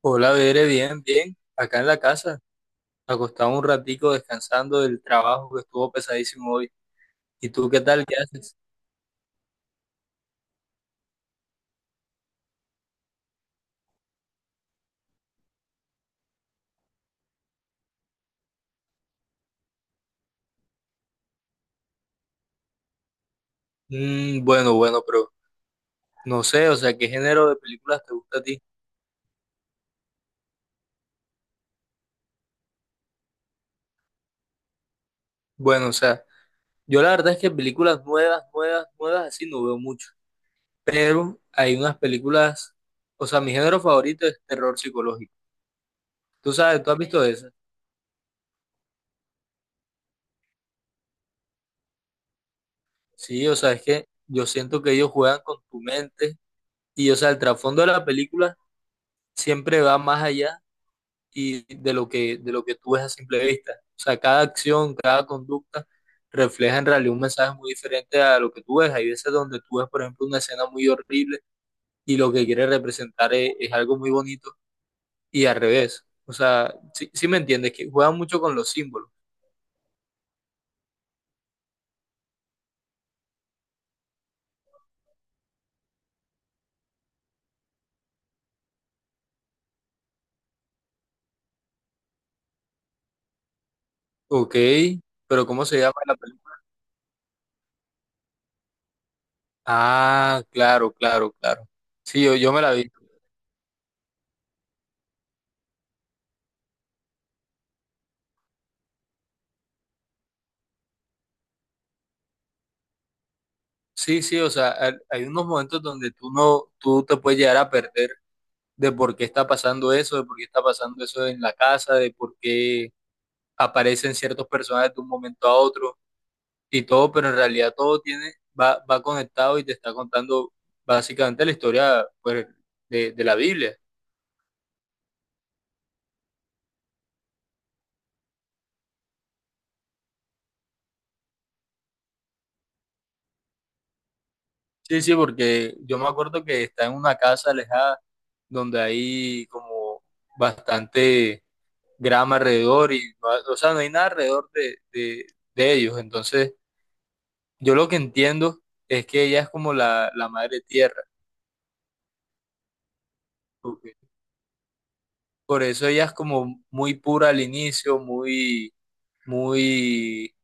Hola, Bere, bien, bien. Acá en la casa, acostado un ratico descansando del trabajo que estuvo pesadísimo hoy. ¿Y tú qué tal? ¿Qué haces? Bueno, bueno, pero no sé, o sea, ¿qué género de películas te gusta a ti? Bueno, o sea, yo la verdad es que películas nuevas, nuevas, nuevas, así no veo mucho. Pero hay unas películas, o sea, mi género favorito es terror psicológico. ¿Tú sabes? ¿Tú has visto eso? Sí, o sea, es que yo siento que ellos juegan con tu mente y, o sea, el trasfondo de la película siempre va más allá y de lo que tú ves a simple vista. O sea, cada acción, cada conducta refleja en realidad un mensaje muy diferente a lo que tú ves. Hay veces donde tú ves, por ejemplo, una escena muy horrible y lo que quiere representar es algo muy bonito y al revés. O sea, sí, sí me entiendes, que juegan mucho con los símbolos. Ok, pero ¿cómo se llama la película? Ah, claro, claro, claro. Sí, yo me la vi. Sí, sí, o sea, hay unos momentos donde tú no, tú te puedes llegar a perder de por qué está pasando eso, de por qué está pasando eso en la casa, de por qué aparecen ciertos personajes de un momento a otro y todo, pero en realidad todo tiene, va conectado y te está contando básicamente la historia pues, de la Biblia. Sí, sí, porque yo me acuerdo que está en una casa alejada donde hay como bastante grama alrededor y no o sea, no hay nada alrededor de ellos. Entonces, yo lo que entiendo es que ella es como la madre tierra. Por eso ella es como muy pura al inicio, muy, muy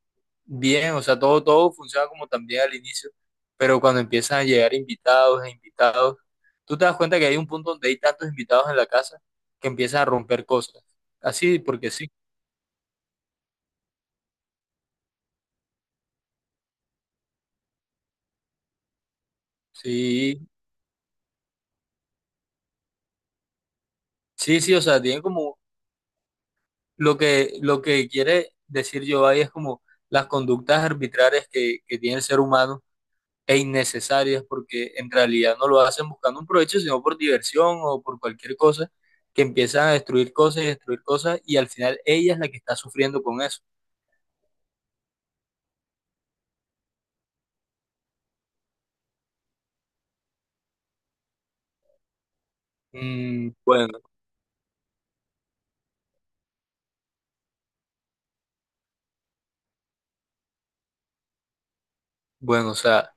bien, o sea, todo funciona como también al inicio, pero cuando empiezan a llegar invitados e invitados, tú te das cuenta que hay un punto donde hay tantos invitados en la casa que empiezan a romper cosas. Así, porque sí, sí, sí, sí, o sea, tienen como lo que quiere decir yo ahí es como las conductas arbitrarias que tiene el ser humano e innecesarias porque en realidad no lo hacen buscando un provecho, sino por diversión o por cualquier cosa, que empiezan a destruir cosas y al final ella es la que está sufriendo con eso. Bueno, bueno, o sea,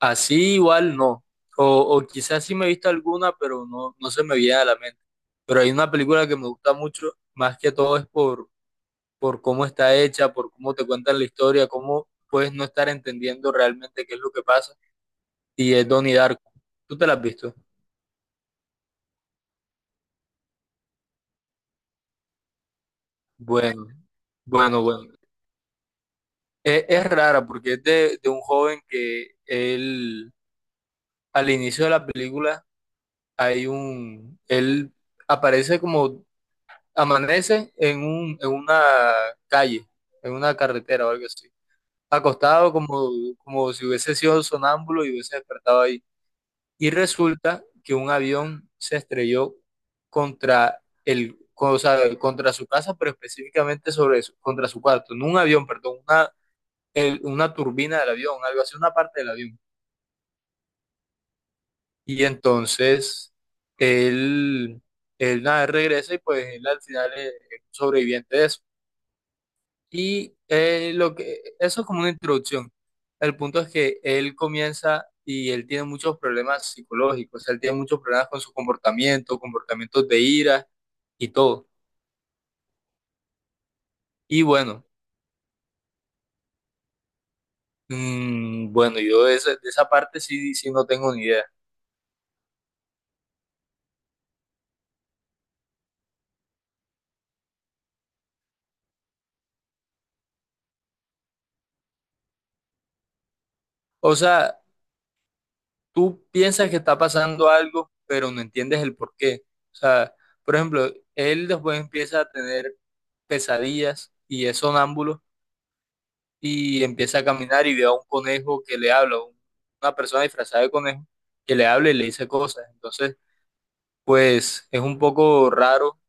así igual no. O, o quizás sí me he visto alguna, pero no se me viene a la mente. Pero hay una película que me gusta mucho, más que todo es por cómo está hecha, por cómo te cuentan la historia, cómo puedes no estar entendiendo realmente qué es lo que pasa. Y es Donnie Darko. ¿Tú te la has visto? Bueno, bueno, bueno. Es rara porque es de un joven que él, al inicio de la película, hay un, él aparece como, amanece en un, en una calle, en una carretera o algo así, acostado como si hubiese sido sonámbulo y hubiese despertado ahí. Y resulta que un avión se estrelló contra el, o sea, contra su casa, pero específicamente sobre eso, contra su cuarto, no un avión, perdón, una una turbina del avión, algo así, una parte del avión. Y entonces él, él nada, regresa y pues él al final es sobreviviente de eso. Y eso es como una introducción. El punto es que él comienza y él tiene muchos problemas psicológicos, él tiene muchos problemas con su comportamiento, comportamientos de ira y todo. Y bueno, bueno, yo de esa parte sí, no tengo ni idea. O sea, tú piensas que está pasando algo, pero no entiendes el por qué. O sea, por ejemplo, él después empieza a tener pesadillas y es sonámbulo y empieza a caminar y ve a un conejo que le habla, una persona disfrazada de conejo que le habla y le dice cosas. Entonces, pues es un poco raro,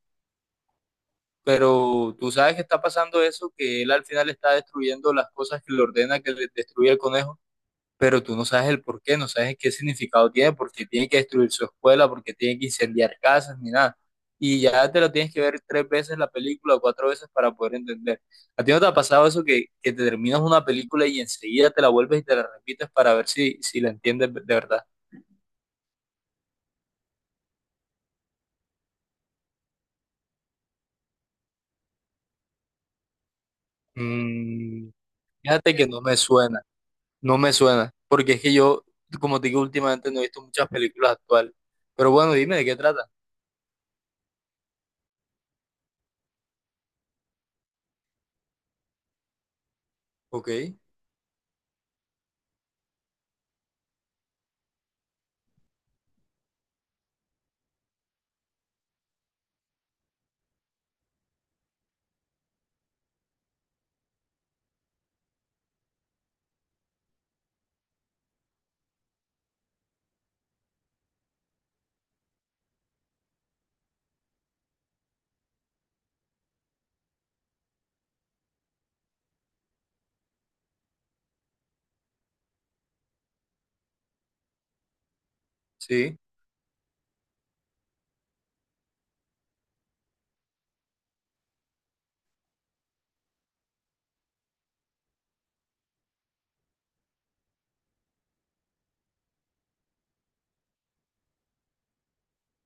pero tú sabes que está pasando eso, que él al final está destruyendo las cosas que le ordena que le destruya el conejo, pero tú no sabes el por qué, no sabes qué significado tiene, porque tiene que destruir su escuela, porque tiene que incendiar casas, ni nada. Y ya te lo tienes que ver tres veces la película, cuatro veces para poder entender. ¿A ti no te ha pasado eso que te terminas una película y enseguida te la vuelves y te la repites para ver si la entiendes de verdad? Mm, fíjate que no me suena, no me suena, porque es que yo, como te digo, últimamente no he visto muchas películas actuales. Pero bueno, dime de qué trata. Ok, sí.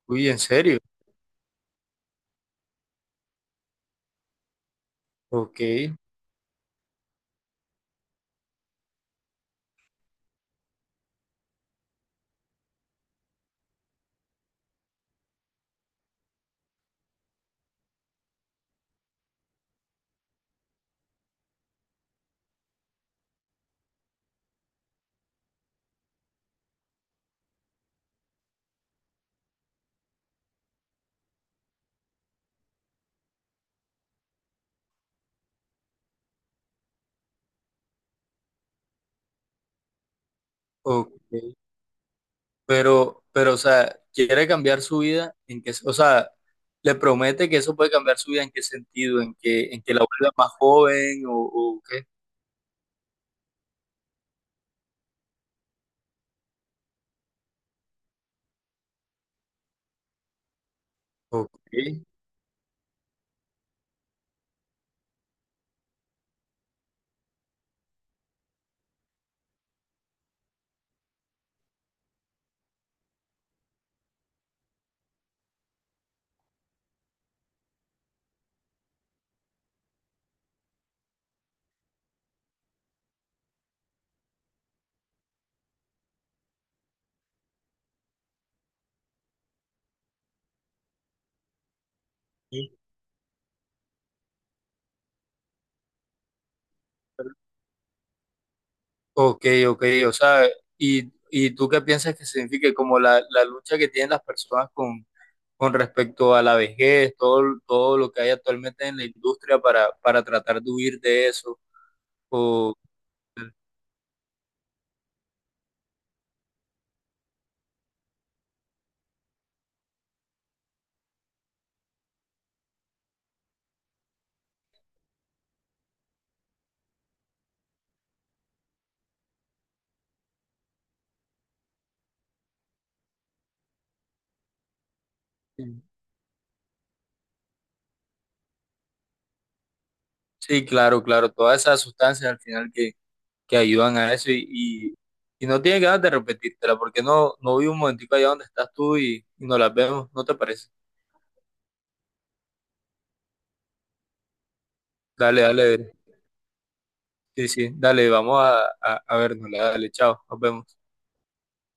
Uy, en serio. Ok, ok. Pero, o sea, quiere cambiar su vida en que, o sea, le promete que eso puede cambiar su vida en qué sentido, en que la vuelva más joven o qué. Ok, sí. Ok, ok, o sea, y tú qué piensas que signifique como la lucha que tienen las personas con respecto a la vejez, todo lo que hay actualmente en la industria para tratar de huir de eso, o, sí, claro, claro, todas esas sustancias al final que ayudan a eso y no tiene ganas de repetírtela, porque no vi un momentico allá donde estás tú y nos las vemos, ¿no te parece? Dale, dale, sí, sí, dale, vamos a vernos, dale, chao, nos vemos.